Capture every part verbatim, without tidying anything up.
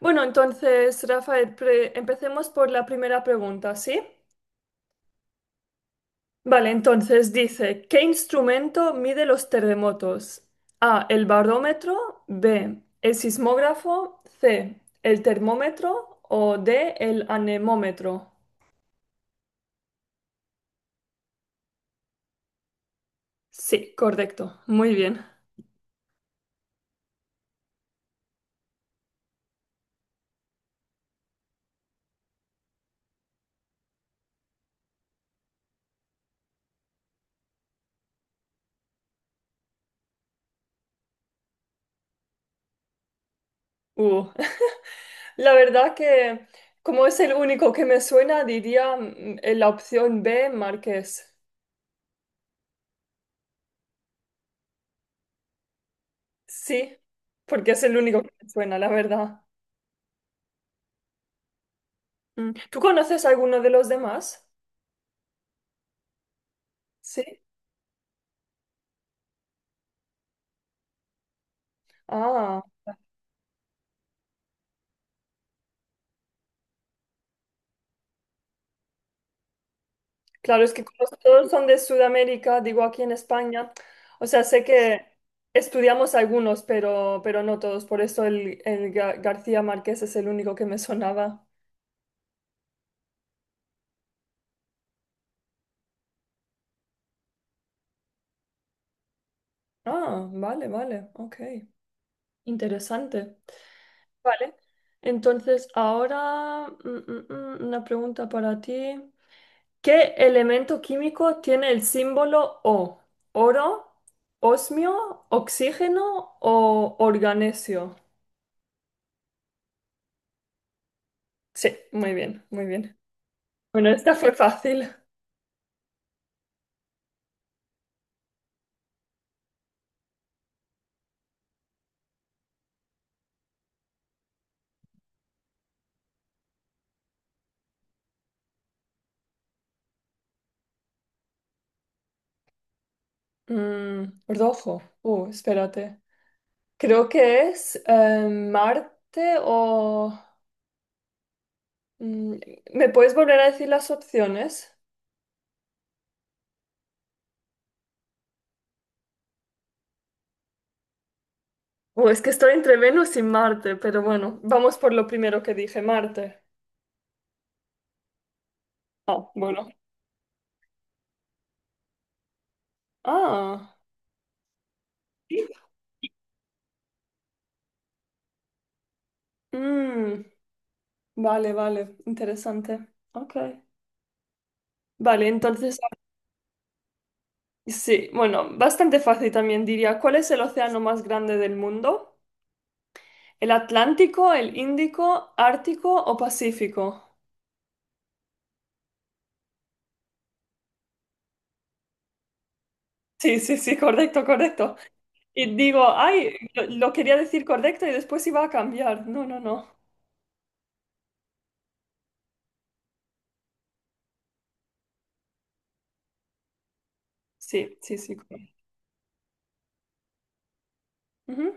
Bueno, entonces, Rafael, pre- empecemos por la primera pregunta, ¿sí? Vale, entonces dice, ¿qué instrumento mide los terremotos? A, el barómetro, B, el sismógrafo, C, el termómetro o D, el anemómetro. Sí, correcto, muy bien. Uh, La verdad que como es el único que me suena, diría mm, la opción B, Marqués. Sí, porque es el único que me suena, la verdad. Mm, ¿Tú conoces alguno de los demás? Sí. Ah, claro, es que como todos son de Sudamérica, digo aquí en España, o sea, sé que estudiamos algunos, pero, pero no todos, por eso el, el Ga- García Márquez es el único que me sonaba. Ah, vale, vale, ok, interesante. Vale, entonces ahora mm, mm, mm, una pregunta para ti. ¿Qué elemento químico tiene el símbolo O? ¿Oro, osmio, oxígeno o organesio? Sí, muy bien, muy bien. Bueno, esta fue fácil. Mm, rojo. Uh, espérate. Creo que es eh, Marte o... mm, ¿Me puedes volver a decir las opciones? Uh, es que estoy entre Venus y Marte, pero bueno, vamos por lo primero que dije, Marte. Ah, bueno. Ah. Mm. Vale, vale, interesante. Ok. Vale, entonces, sí, bueno, bastante fácil también diría. ¿Cuál es el océano más grande del mundo? ¿El Atlántico, el Índico, Ártico o Pacífico? Sí, sí, sí, correcto, correcto. Y digo, ay, lo, lo quería decir correcto y después iba a cambiar. No, no, no. Sí, sí, sí, correcto. Ujú.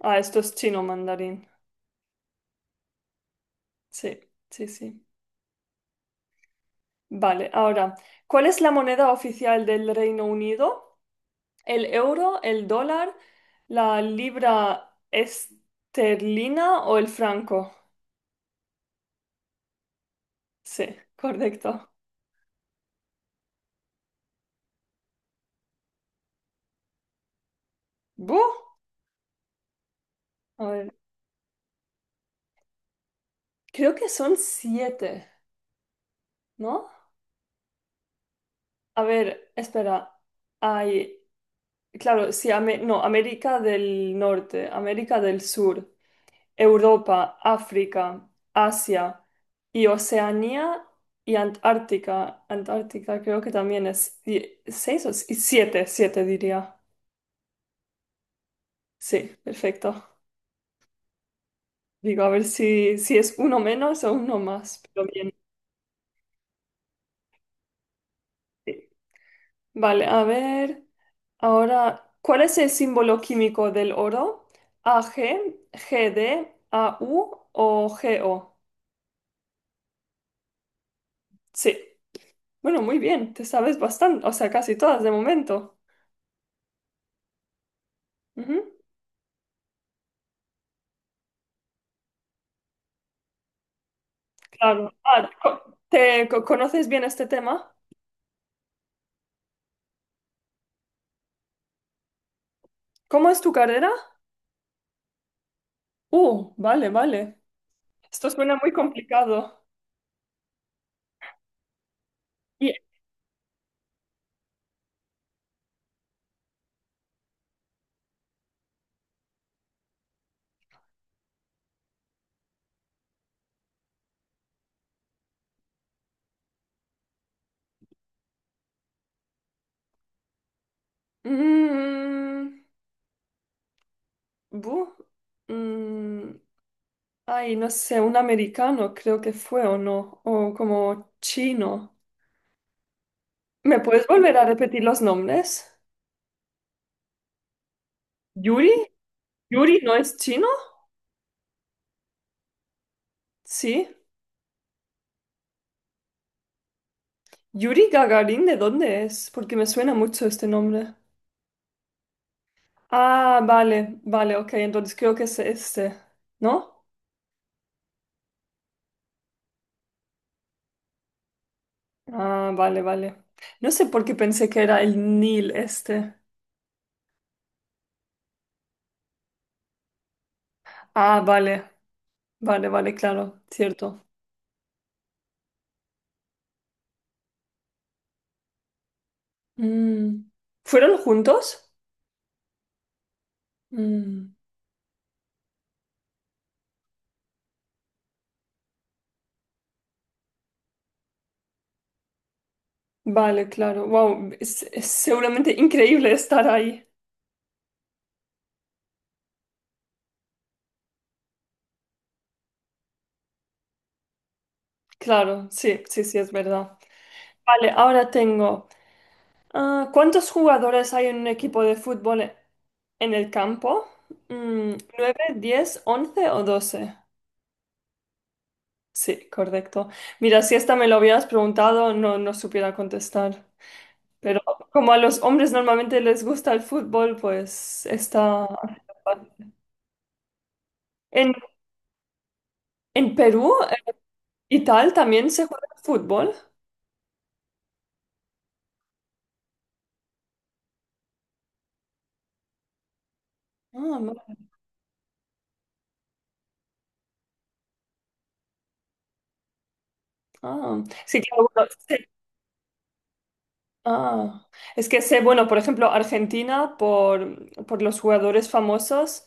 Ah, esto es chino mandarín. Sí, sí, sí. Vale, ahora, ¿cuál es la moneda oficial del Reino Unido? El euro, el dólar, la libra esterlina o el franco. Sí, correcto. ¡Buh! A ver, creo que son siete, ¿no? A ver, espera. Hay, claro, sí, Ame- no, América del Norte, América del Sur, Europa, África, Asia y Oceanía y Antártica. Antártica creo que también es die- seis o si- siete, siete diría. Sí, perfecto. Digo, a ver si, si es uno menos o uno más, pero bien. Sí. Vale, a ver. Ahora, ¿cuál es el símbolo químico del oro? ¿A G, G D, A U o G O? Sí. Bueno, muy bien, te sabes bastante, o sea, casi todas de momento. Ujú. Claro. Ah, co- ¿te co- conoces bien este tema? ¿Cómo es tu carrera? Uh, vale, vale. Esto suena muy complicado. Y- Mm, bu- mm, Ay, no sé, un americano creo que fue o no, o como chino. ¿Me puedes volver a repetir los nombres? Yuri, Yuri no es chino, sí. Yuri Gagarin, ¿de dónde es? Porque me suena mucho este nombre. Ah, vale, vale, ok, entonces creo que es este, ¿no? Ah, vale, vale. No sé por qué pensé que era el Nil este. Ah, vale, vale, vale, claro, cierto. Mm. ¿Fueron juntos? Mm. Vale, claro. Wow, es, es seguramente increíble estar ahí. Claro, sí, sí, sí, es verdad. Vale, ahora tengo. ah, ¿cuántos jugadores hay en un equipo de fútbol e- en el campo? Mm, ¿nueve, diez, once o doce? Sí, correcto. Mira, si esta me lo hubieras preguntado, no, no supiera contestar. Pero como a los hombres normalmente les gusta el fútbol, pues está. En, en Perú eh, y tal también se juega fútbol. Ah, vale. Ah, sí, claro, bueno, sí. Ah, es que sé, bueno, por ejemplo, Argentina, por, por los jugadores famosos,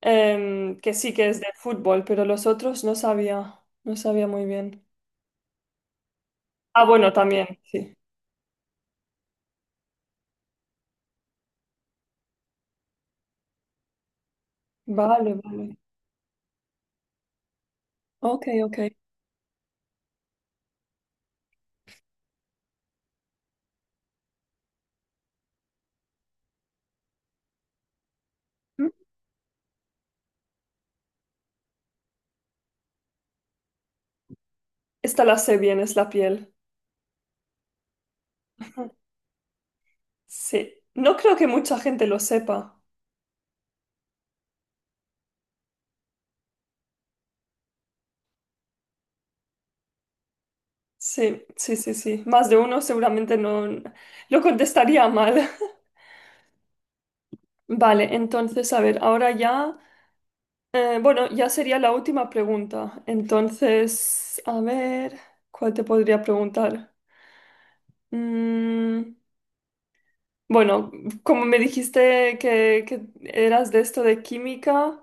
em, que sí que es de fútbol, pero los otros no sabía, no sabía muy bien. Ah, bueno, también, sí. Vale, vale. Ok, ok. Mm. Esta la sé bien, es la piel. Sí. No creo que mucha gente lo sepa. Sí, sí, sí, sí. Más de uno seguramente no lo contestaría mal. Vale, entonces, a ver, ahora ya. Eh, bueno, ya sería la última pregunta. Entonces, a ver, ¿cuál te podría preguntar? Mm, bueno, como me dijiste que, que eras de esto de química,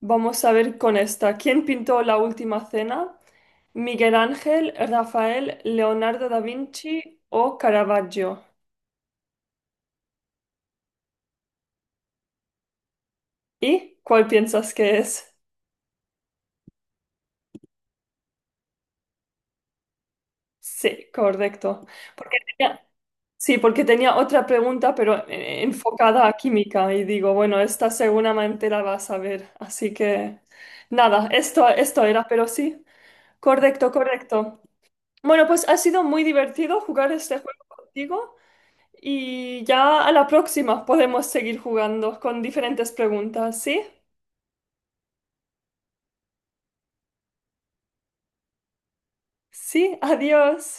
vamos a ver con esta. ¿Quién pintó la última cena? ¿Miguel Ángel, Rafael, Leonardo da Vinci o Caravaggio? ¿Y cuál piensas que es? Sí, correcto. Porque tenía- Sí, porque tenía otra pregunta, pero eh, enfocada a química. Y digo, bueno, esta seguramente la vas a ver. Así que nada, esto, esto era, pero sí, correcto, correcto. Bueno, pues ha sido muy divertido jugar este juego contigo y ya a la próxima podemos seguir jugando con diferentes preguntas, ¿sí? Sí, adiós.